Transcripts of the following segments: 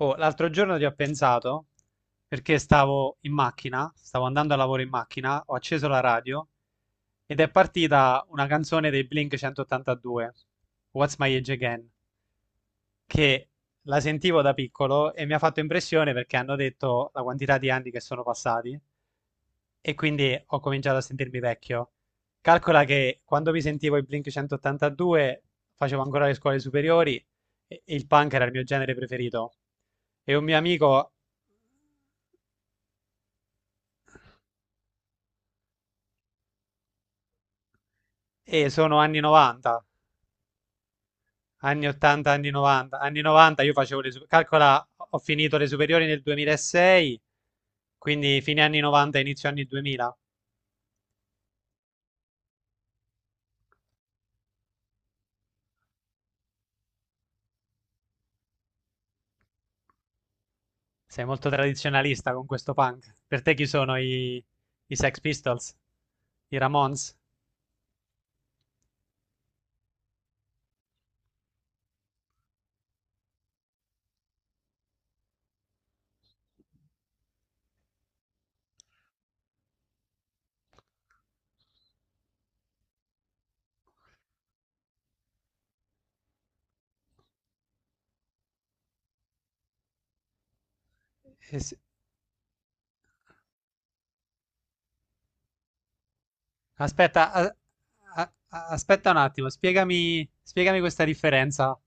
Oh, l'altro giorno ci ho pensato perché stavo in macchina, stavo andando a lavoro in macchina, ho acceso la radio ed è partita una canzone dei Blink 182, What's My Age Again, che la sentivo da piccolo e mi ha fatto impressione perché hanno detto la quantità di anni che sono passati e quindi ho cominciato a sentirmi vecchio. Calcola che quando mi sentivo i Blink 182 facevo ancora le scuole superiori e il punk era il mio genere preferito. E un mio amico. E sono anni 90, anni 80, anni 90. Anni 90. Io facevo le... su- Calcola, ho finito le superiori nel 2006, quindi fine anni 90, inizio anni 2000. Sei molto tradizionalista con questo punk. Per te chi sono i Sex Pistols? I Ramones? Eh sì. Aspetta, aspetta un attimo, spiegami questa differenza.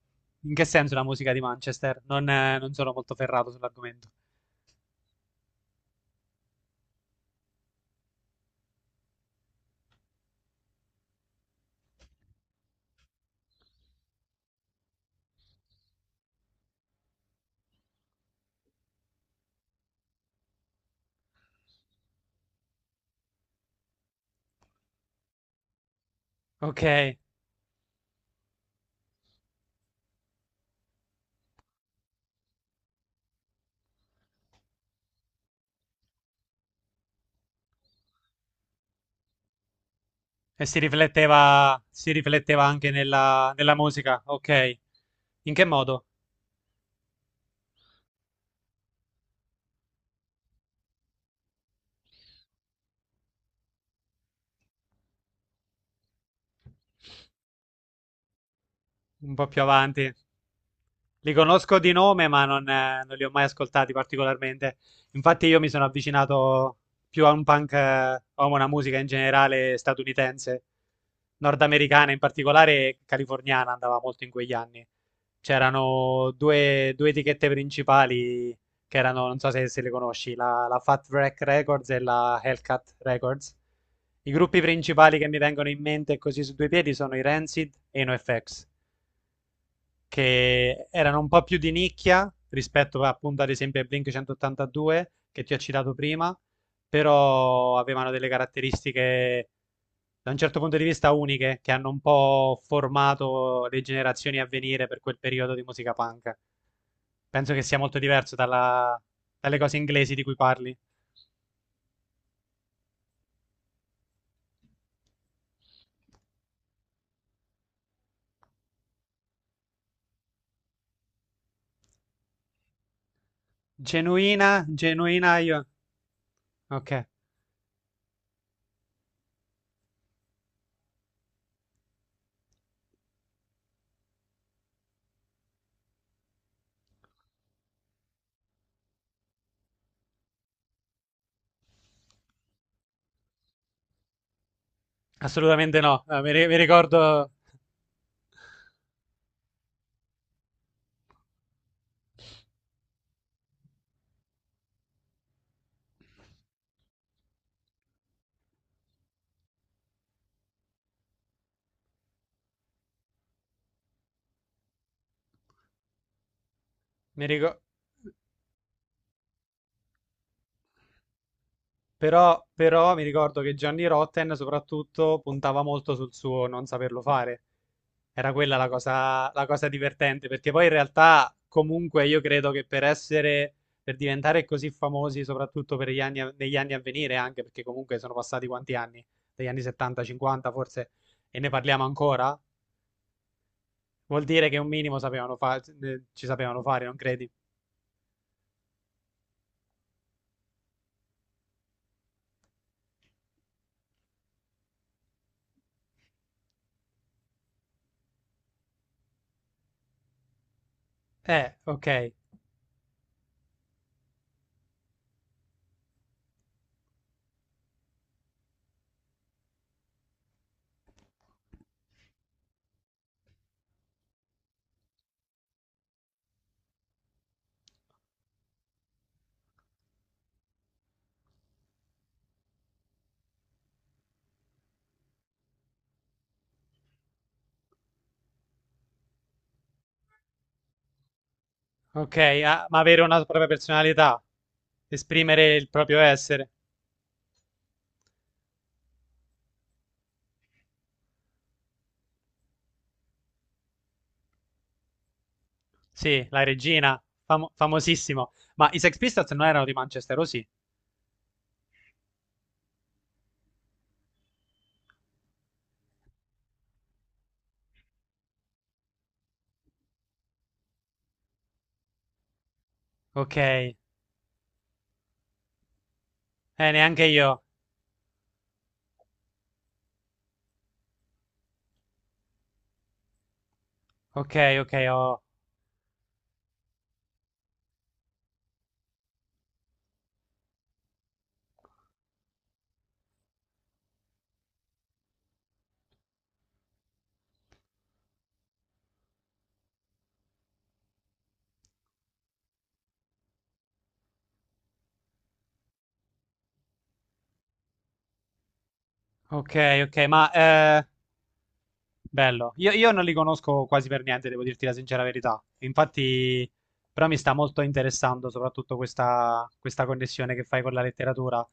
In che senso la musica di Manchester? Non sono molto ferrato sull'argomento. Ok. E si rifletteva anche nella musica, ok. In che modo? Un po' più avanti. Li conosco di nome, ma non li ho mai ascoltati particolarmente. Infatti, io mi sono avvicinato più a un punk, o a una musica in generale statunitense, nordamericana in particolare, e californiana andava molto in quegli anni. C'erano due etichette principali che erano, non so se le conosci, la Fat Wreck Records e la Hellcat Records. I gruppi principali che mi vengono in mente così su due piedi sono i Rancid e i NoFX, che erano un po' più di nicchia rispetto appunto ad esempio ai Blink 182 che ti ho citato prima, però avevano delle caratteristiche da un certo punto di vista uniche che hanno un po' formato le generazioni a venire per quel periodo di musica punk. Penso che sia molto diverso dalle cose inglesi di cui parli. Genuina, genuina io. Ok, assolutamente no. Ah, mi ricordo. Però mi ricordo che Gianni Rotten soprattutto puntava molto sul suo non saperlo fare. Era quella la cosa divertente, perché poi in realtà comunque io credo che per diventare così famosi, soprattutto per gli anni, negli anni a venire, anche perché comunque sono passati quanti anni? Degli anni 70, 50 forse, e ne parliamo ancora? Vuol dire che un minimo ci sapevano fare, non credi? Ok, ok, ah, ma avere una propria personalità, esprimere il proprio essere. Sì, la regina, famosissimo. Ma i Sex Pistols non erano di Manchester, o sì? Ok, neanche io. Ok, ok, oh. Ok, ok, ma bello. Io non li conosco quasi per niente, devo dirti la sincera verità. Infatti, però mi sta molto interessando soprattutto questa connessione che fai con la letteratura.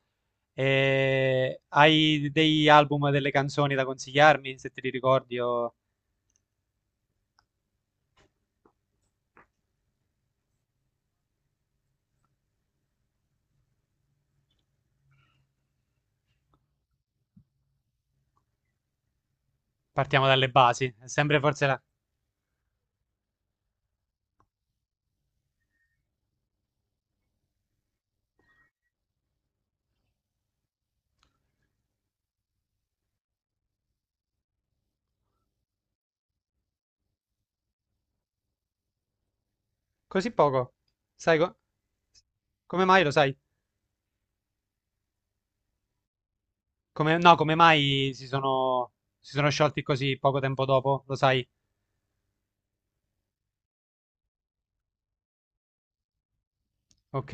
E hai dei album, delle canzoni da consigliarmi, se te li ricordi, o partiamo dalle basi? È sempre forse la... Così poco? Sai come mai lo sai? Come, no, come mai si sono sciolti così poco tempo dopo? Lo sai? Ok,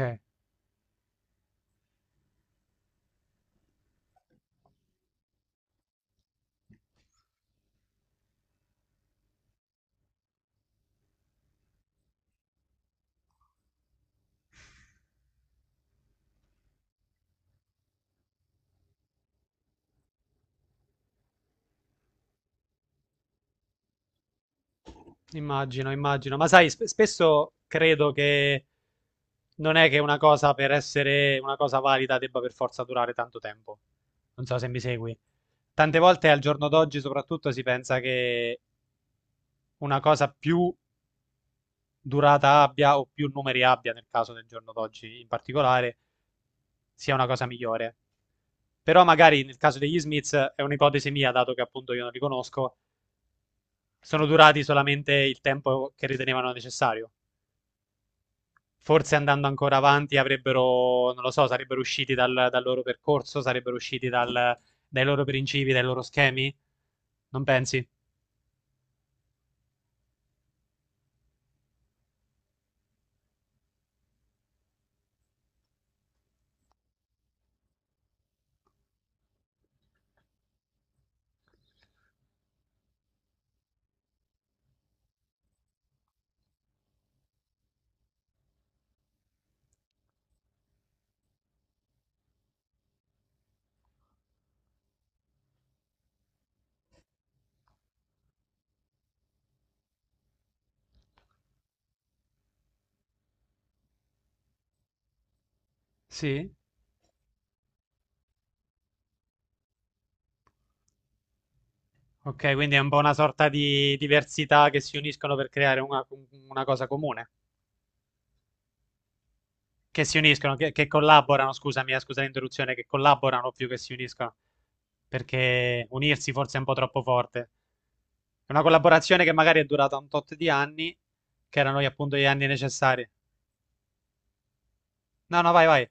immagino, immagino. Ma sai, spesso credo che non è che una cosa per essere una cosa valida debba per forza durare tanto tempo. Non so se mi segui. Tante volte al giorno d'oggi soprattutto si pensa che una cosa più durata abbia o più numeri abbia, nel caso del giorno d'oggi in particolare, sia una cosa migliore. Però magari nel caso degli Smiths, è un'ipotesi mia, dato che appunto io non li conosco, sono durati solamente il tempo che ritenevano necessario. Forse andando ancora avanti avrebbero, non lo so, sarebbero usciti dal loro percorso, sarebbero usciti dai loro principi, dai loro schemi? Non pensi? Sì. Ok, quindi è un po' una sorta di diversità che si uniscono per creare una cosa comune. Che si uniscono, che collaborano, scusami, scusa l'interruzione, che collaborano più che si uniscono. Perché unirsi forse è un po' troppo forte. È una collaborazione che magari è durata un tot di anni, che erano appunto gli anni necessari. No, no, vai, vai.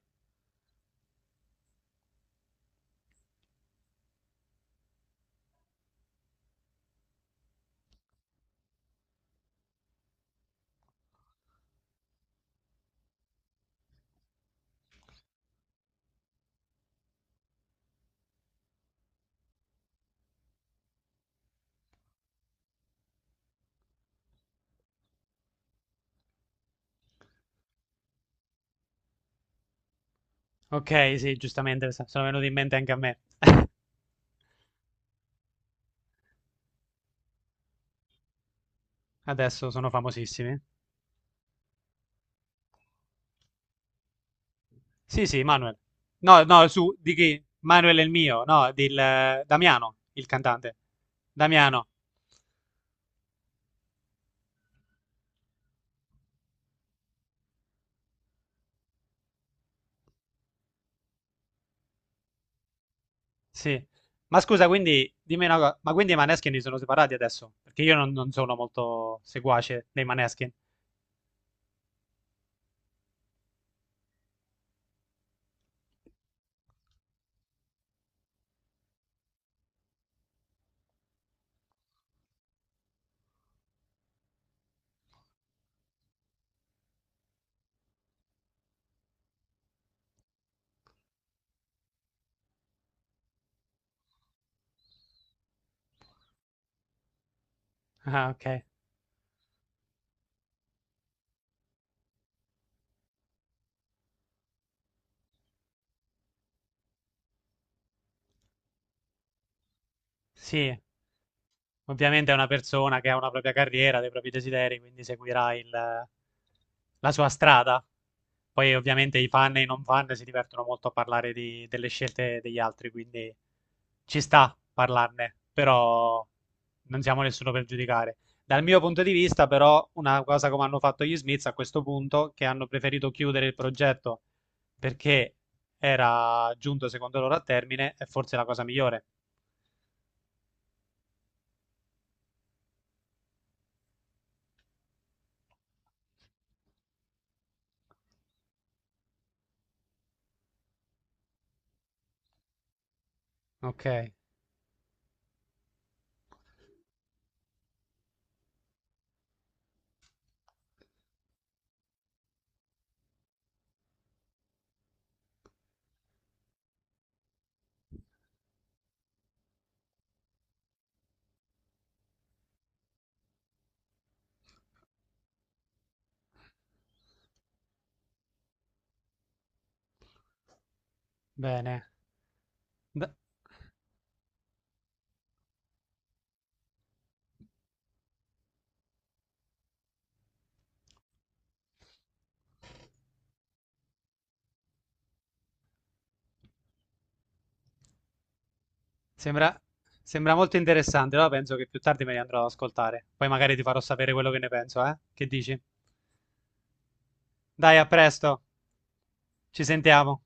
Ok, sì, giustamente, sono venuti in mente anche a me. Adesso sono famosissimi. Sì, sì, Manuel. No, no, su, di chi? Manuel è il mio, no, del Damiano, il cantante. Damiano, sì. Ma scusa, quindi, dimmi una cosa, ma quindi i Maneskin si sono separati adesso? Perché io non sono molto seguace dei Maneskin. Ah, ok. Sì, ovviamente è una persona che ha una propria carriera, dei propri desideri, quindi seguirà il, la sua strada. Poi ovviamente i fan e i non fan si divertono molto a parlare delle scelte degli altri, quindi ci sta parlarne, però non siamo nessuno per giudicare. Dal mio punto di vista, però, una cosa come hanno fatto gli Smiths a questo punto, che hanno preferito chiudere il progetto perché era giunto secondo loro a termine, è forse la cosa migliore. Ok, bene. D- Sembra, sembra molto interessante, però penso che più tardi me li andrò ad ascoltare. Poi magari ti farò sapere quello che ne penso, eh? Che dici? Dai, a presto, ci sentiamo.